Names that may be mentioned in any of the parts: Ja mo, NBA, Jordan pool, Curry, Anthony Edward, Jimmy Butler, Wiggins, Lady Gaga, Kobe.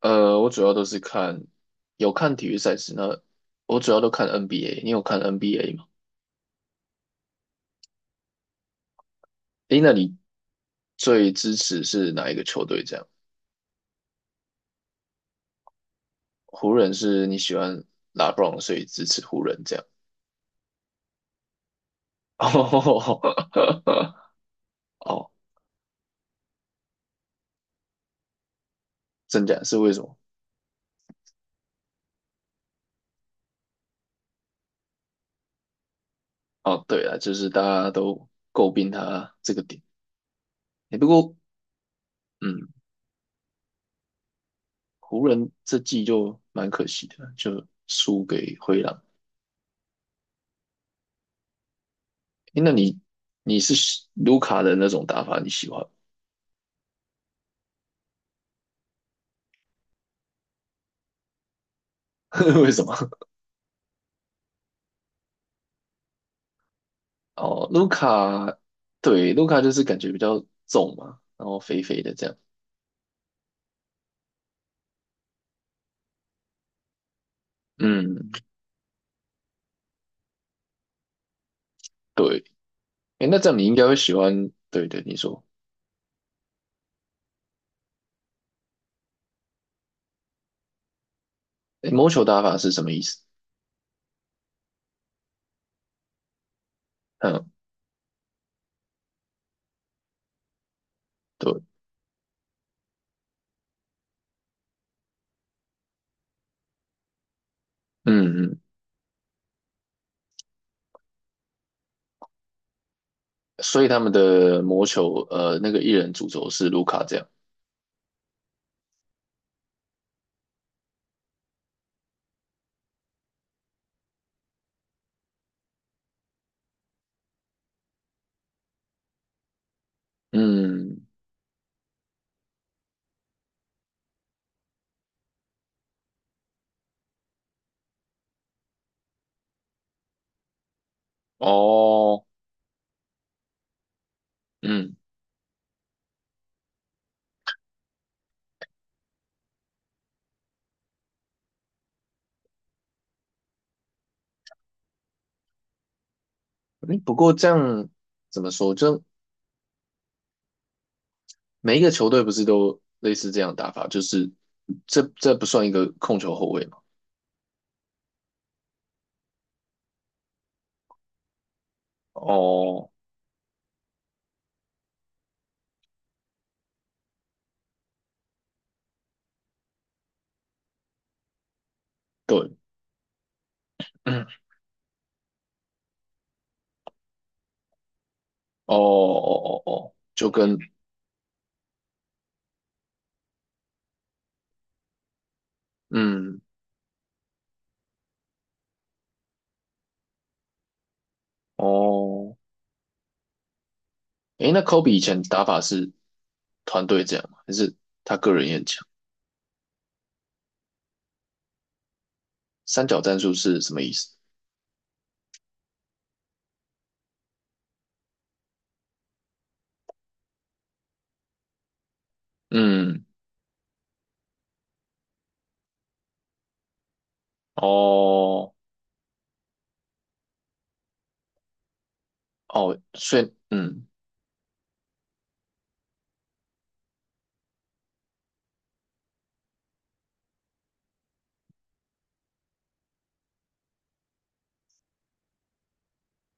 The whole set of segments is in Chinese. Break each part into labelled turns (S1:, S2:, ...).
S1: 我主要都是看，有看体育赛事，那我主要都看 NBA。你有看 NBA 吗？诶，那你最支持是哪一个球队？这样，湖人是你喜欢拉 e b r o n 所以支持湖人这样。哦，哦真假是为什么？哦，对啊，就是大家都诟病他这个点。诶，不过，嗯，湖人这季就蛮可惜的，就输给灰狼。诶，那你是卢卡的那种打法，你喜欢吗？ 为什么？哦，卢卡，对，卢卡就是感觉比较重嘛，然后肥肥的这样。嗯，对。哎，那这样你应该会喜欢。对对，你说，哎，魔球打法是什么意思？嗯，对，嗯嗯。所以他们的魔球，那个艺人主轴是卢卡这样。嗯，哦，嗯。诶不过这样怎么说？就每一个球队不是都类似这样打法？就是这不算一个控球后卫嘛？哦，对。嗯。哦哦哦哦，就跟嗯哦，诶，那 Kobe 以前打法是团队这样吗？还是他个人也很强？三角战术是什么意思？嗯，哦哦，所以嗯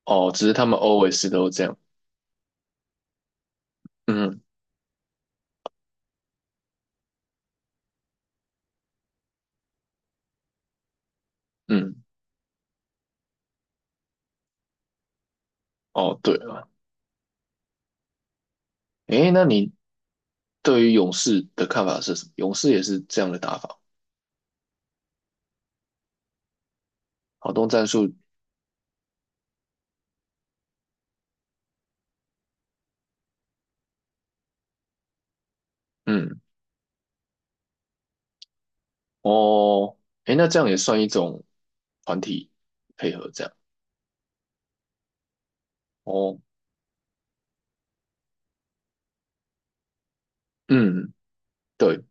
S1: 哦，只是他们 always 都这样。嗯嗯，哦对了，诶，那你对于勇士的看法是什么？勇士也是这样的打法，好动战术。嗯哦，诶，那这样也算一种团体配合这样。哦，嗯。对。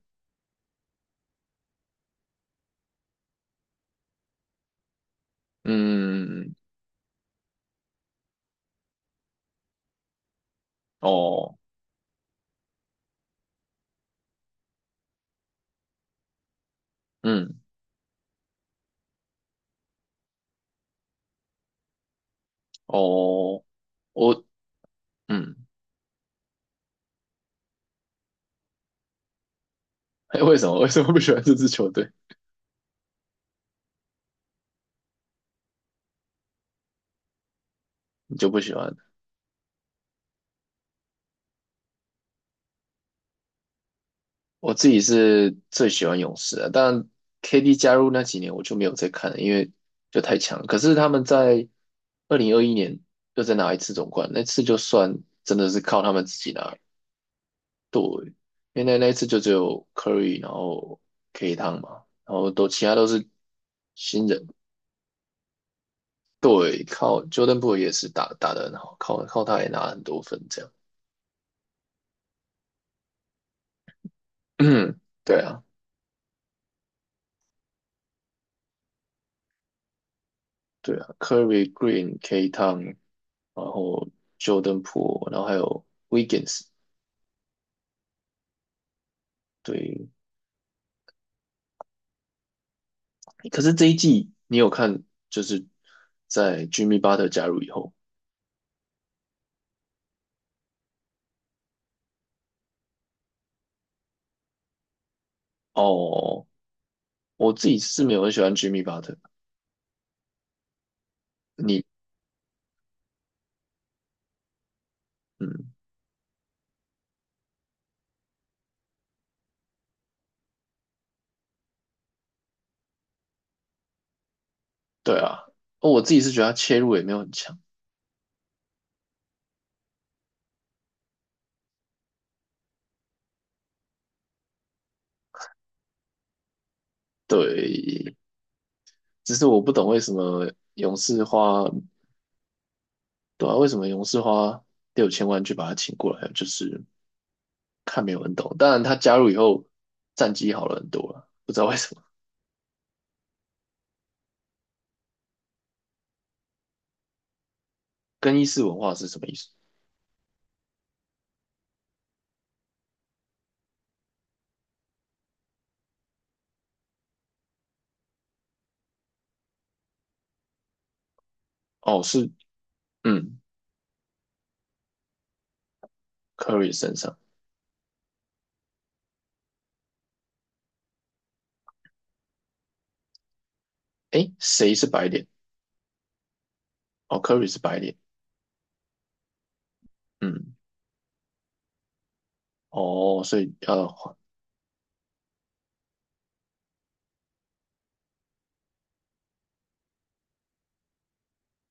S1: 嗯，哦，嗯，哦，我，嗯，哎，为什么不喜欢这支球队？你就不喜欢？我自己是最喜欢勇士的，但 KD 加入那几年我就没有再看了，因为就太强了。可是他们在2021年又再拿一次总冠，那次就算真的是靠他们自己拿，因为那一次就只有 Curry，然后 K 汤嘛，然后都其他都是新人，对，靠 Jordan p o o l 也是打得很好，靠他也拿了很多分这样。嗯，对啊，对啊，Curry、Green、K Town，然后 Jordan p o o l 然后还有 Wiggins。对，可是这一季你有看，就是在 Jimmy Butler 加入以后，哦，我自己是没有很喜欢 Jimmy Butler。你，嗯，对啊，哦，我自己是觉得他切入也没有很强。对，只是我不懂为什么勇士花对啊，为什么勇士花6000万去把他请过来，就是看没有人懂。当然，他加入以后战绩好了很多了，不知道为什么。更衣室文化是什么意思？哦，是嗯，Curry 身上。诶，谁是白脸？哦，Curry 是白脸。嗯，哦，所以要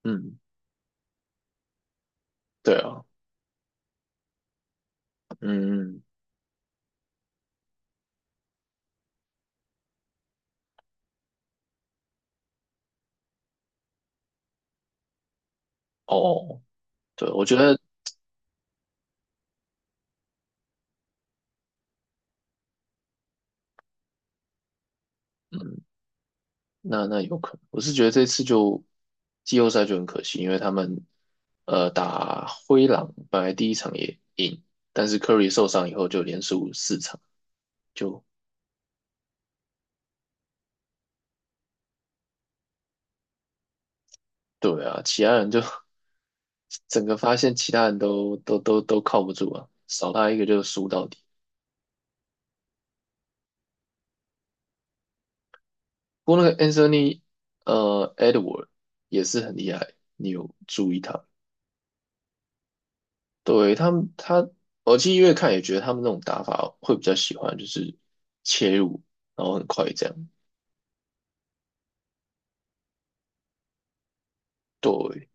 S1: 嗯，对啊，嗯，哦，对，我觉得。嗯那有可能，我是觉得这次就季后赛就很可惜，因为他们打灰狼本来第一场也赢，但是 Curry 受伤以后就连输4场，就对啊，其他人就 整个发现其他人都靠不住啊，少他一个就输到底。不过那个 Anthony Edward 也是很厉害，你有注意他？对，他们，他，我其实越看也觉得他们那种打法会比较喜欢，就是切入，然后很快这样。对，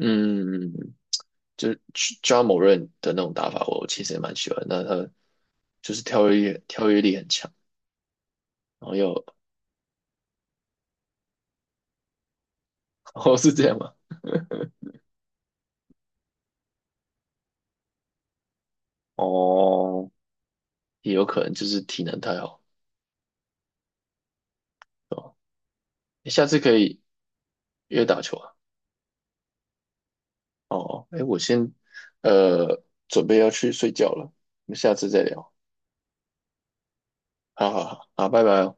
S1: 嗯，就是 Ja m o 的那种打法，我其实也蛮喜欢。那他就是跳跃力，跳跃力很强，然后又 哦，是这样吗？哦，也有可能就是体能太好，哦，你下次可以约打球啊。哦，哎，我先呃准备要去睡觉了，我们下次再聊。好好好，好，拜拜哦。